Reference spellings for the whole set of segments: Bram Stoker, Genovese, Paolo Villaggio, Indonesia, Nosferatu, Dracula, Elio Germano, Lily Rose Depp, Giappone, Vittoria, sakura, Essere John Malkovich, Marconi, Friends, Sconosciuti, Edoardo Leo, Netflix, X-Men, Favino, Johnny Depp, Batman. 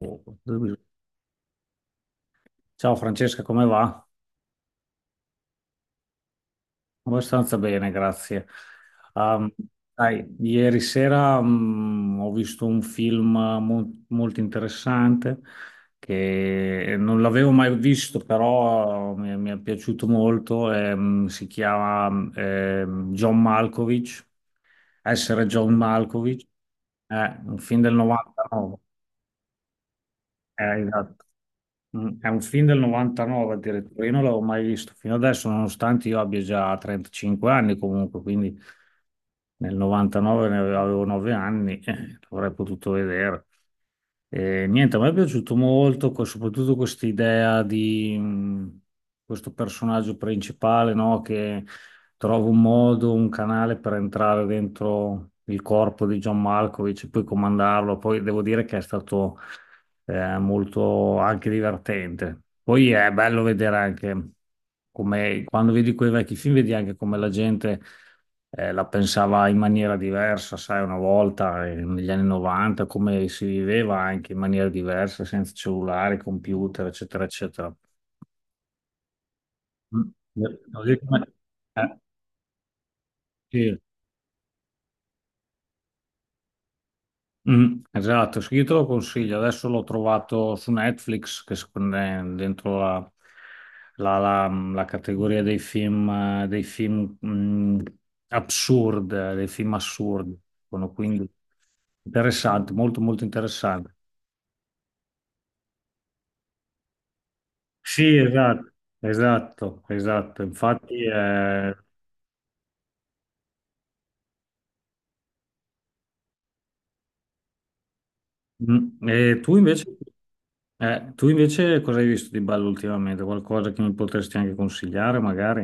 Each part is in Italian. Oh, ciao Francesca, come va? Abbastanza bene, grazie. Um, dai, ieri sera ho visto un film molto interessante che non l'avevo mai visto, però mi è piaciuto molto. Si chiama ehm, John Malkovich, Essere John Malkovich, è un film del 99. Esatto. È un film del 99 addirittura, io non l'avevo mai visto fino adesso, nonostante io abbia già 35 anni comunque, quindi nel 99 ne avevo 9 anni, l'avrei potuto vedere. E niente, a me è piaciuto molto, soprattutto questa idea di questo personaggio principale, no, che trova un modo, un canale per entrare dentro il corpo di John Malkovich e poi comandarlo. Poi devo dire che è stato molto anche divertente. Poi è bello vedere anche come quando vedi quei vecchi film, vedi anche come la gente la pensava in maniera diversa, sai, una volta negli anni 90, come si viveva anche in maniera diversa, senza cellulare, computer, eccetera, eccetera. Mm. Eh, Mm, esatto, sì, io te lo consiglio. Adesso l'ho trovato su Netflix, che secondo me è dentro la- la- la categoria dei film assurdi. Sono quindi interessante, molto molto interessante. Sì, esatto, esatto, esatto. Infatti, e tu invece, cosa hai visto di bello ultimamente? Qualcosa che mi potresti anche consigliare, magari?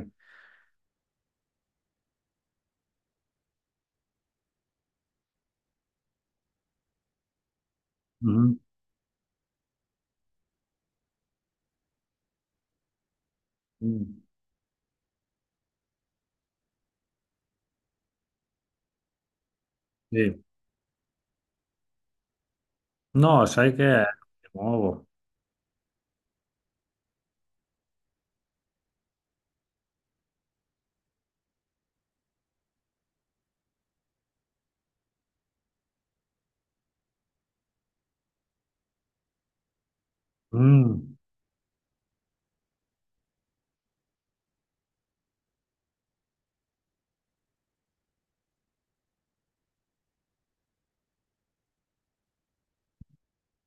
Mhm. Sì. No, sai che è nuovo. Mm.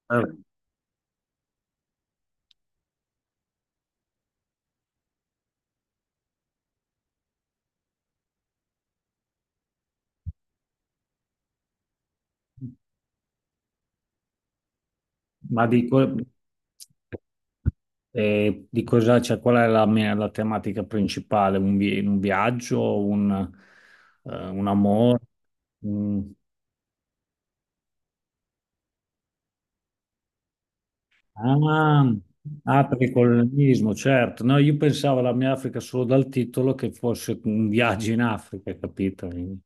Eh, Ma di cosa, cioè, qual è la tematica principale? Un viaggio, un amore? Mm. Ah, ah, per il colonialismo, certo. No, io pensavo alla mia Africa solo dal titolo che fosse un viaggio in Africa, capito? Quindi,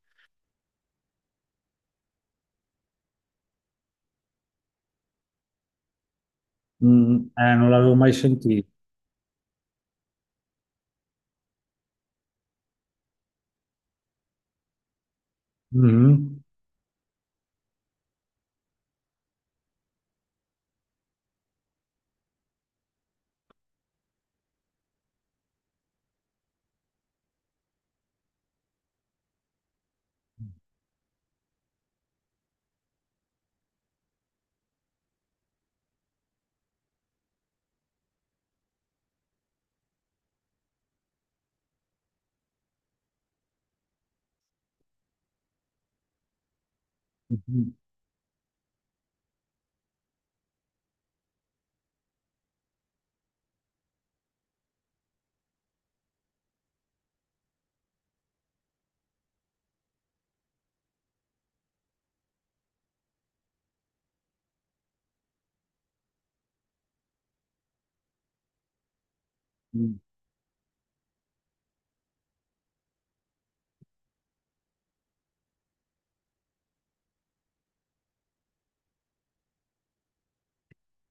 non l'avevo mai sentito. Mhm. Mhm.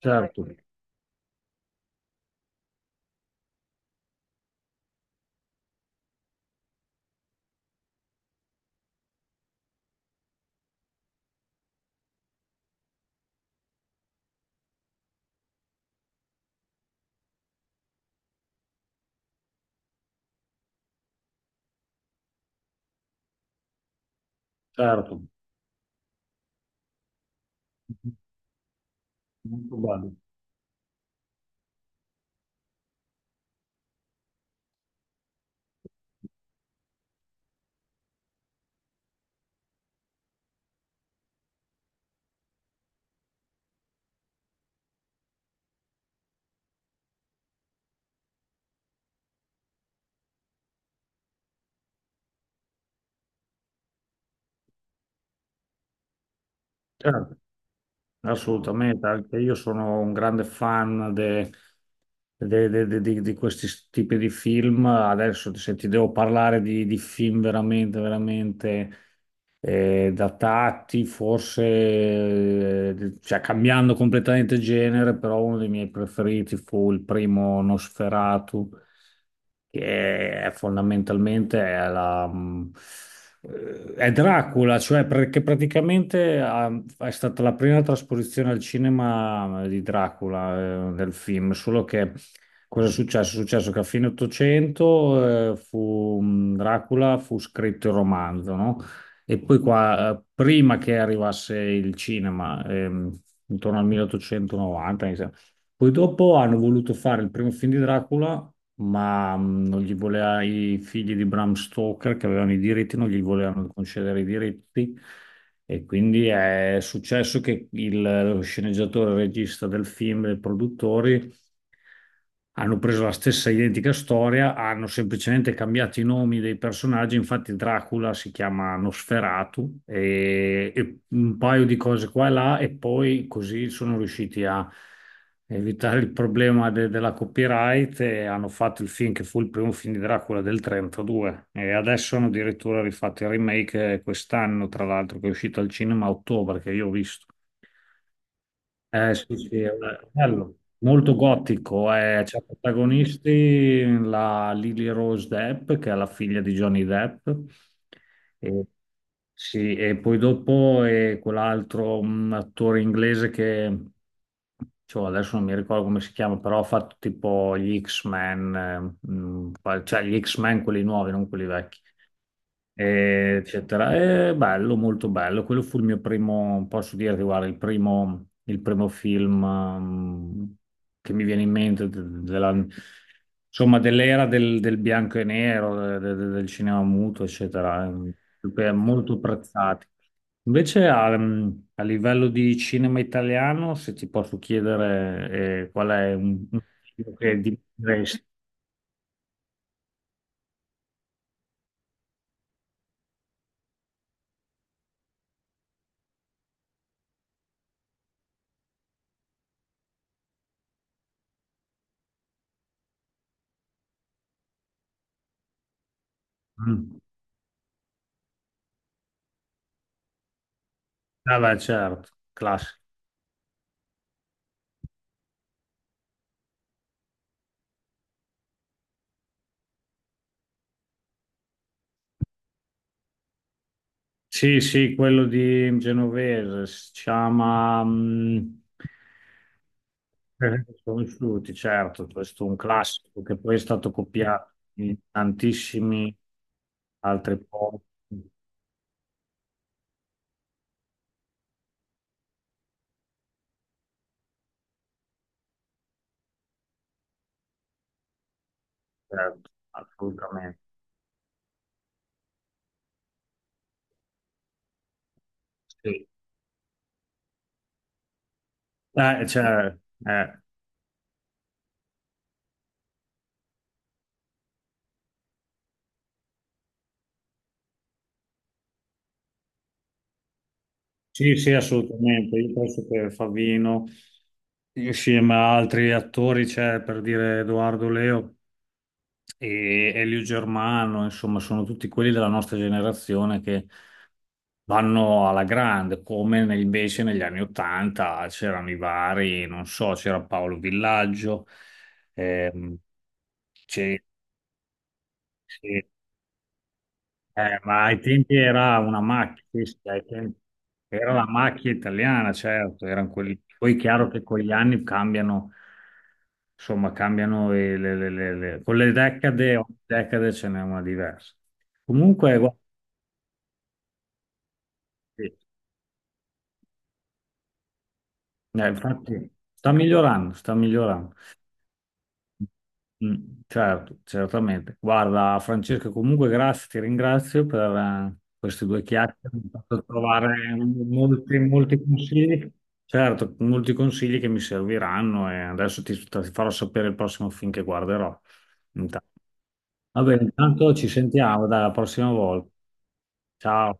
Certo, certo. Molto bello. Certo, assolutamente, anche io sono un grande fan di questi tipi di film. Adesso se ti devo parlare di film veramente, veramente. Datati, forse, cioè cambiando completamente genere, però uno dei miei preferiti fu il primo Nosferatu, che è fondamentalmente è la... È Dracula, cioè perché praticamente è stata la prima trasposizione al cinema di Dracula, del film, solo che cosa è successo? È successo che a fine 800 Dracula fu scritto il romanzo, no? E poi qua, prima che arrivasse il cinema, intorno al 1890, mi sembra, poi dopo hanno voluto fare il primo film di Dracula ma non gli voleva i figli di Bram Stoker che avevano i diritti, non gli volevano concedere i diritti e quindi è successo che lo sceneggiatore, il regista del film, e i produttori hanno preso la stessa identica storia, hanno semplicemente cambiato i nomi dei personaggi, infatti Dracula si chiama Nosferatu e un paio di cose qua e là e poi così sono riusciti a evitare il problema della copyright e hanno fatto il film che fu il primo film di Dracula del 32 e adesso hanno addirittura rifatto il remake quest'anno, tra l'altro, che è uscito al cinema a ottobre, che io ho visto. Sì, sì, è bello, molto gotico. C'ha protagonisti la Lily Rose Depp, che è la figlia di Johnny Depp, e, sì, e poi dopo è quell'altro un attore inglese che cioè, adesso non mi ricordo come si chiama, però ha fatto tipo gli X-Men, cioè gli X-Men quelli nuovi, non quelli vecchi eccetera. È bello, molto bello. Quello fu il mio primo, posso dirti, guarda, il primo film che mi viene in mente insomma, dell'era del bianco e nero, del cinema muto, eccetera. Molto prezzati. Invece a livello di cinema italiano, se ti posso chiedere qual è un film che diresti? Mm. Ah, beh, certo, classico. Sì, sì, quello di Genovese, si chiama. Eh. Sconosciuti, certo, questo è un classico che poi è stato copiato in tantissimi altri posti, certo, assolutamente. Sì. Eh, cioè, eh, Sì, sì, assolutamente. Io penso che Favino, insieme a altri attori, c'è per dire Edoardo Leo e Elio Germano, insomma, sono tutti quelli della nostra generazione che vanno alla grande, come invece negli anni Ottanta c'erano i vari, non so, c'era Paolo Villaggio, ehm, c'è- ma ai tempi era una macchina, sì, sì, ai tempi era la macchia italiana, certo, erano quelli. Poi è chiaro che con gli anni cambiano, insomma, cambiano e con le decade, ogni decade ce n'è una diversa. Comunque, guarda, sì, infatti sta migliorando, sta migliorando. Mm, certo, certamente. Guarda, Francesco, comunque grazie, ti ringrazio per queste due chiacchiere, mi hai fatto trovare molti, molti consigli, certo, molti consigli che mi serviranno e adesso ti farò sapere il prossimo film che guarderò. Intanto. Va bene, intanto ci sentiamo, dai, la prossima volta. Ciao.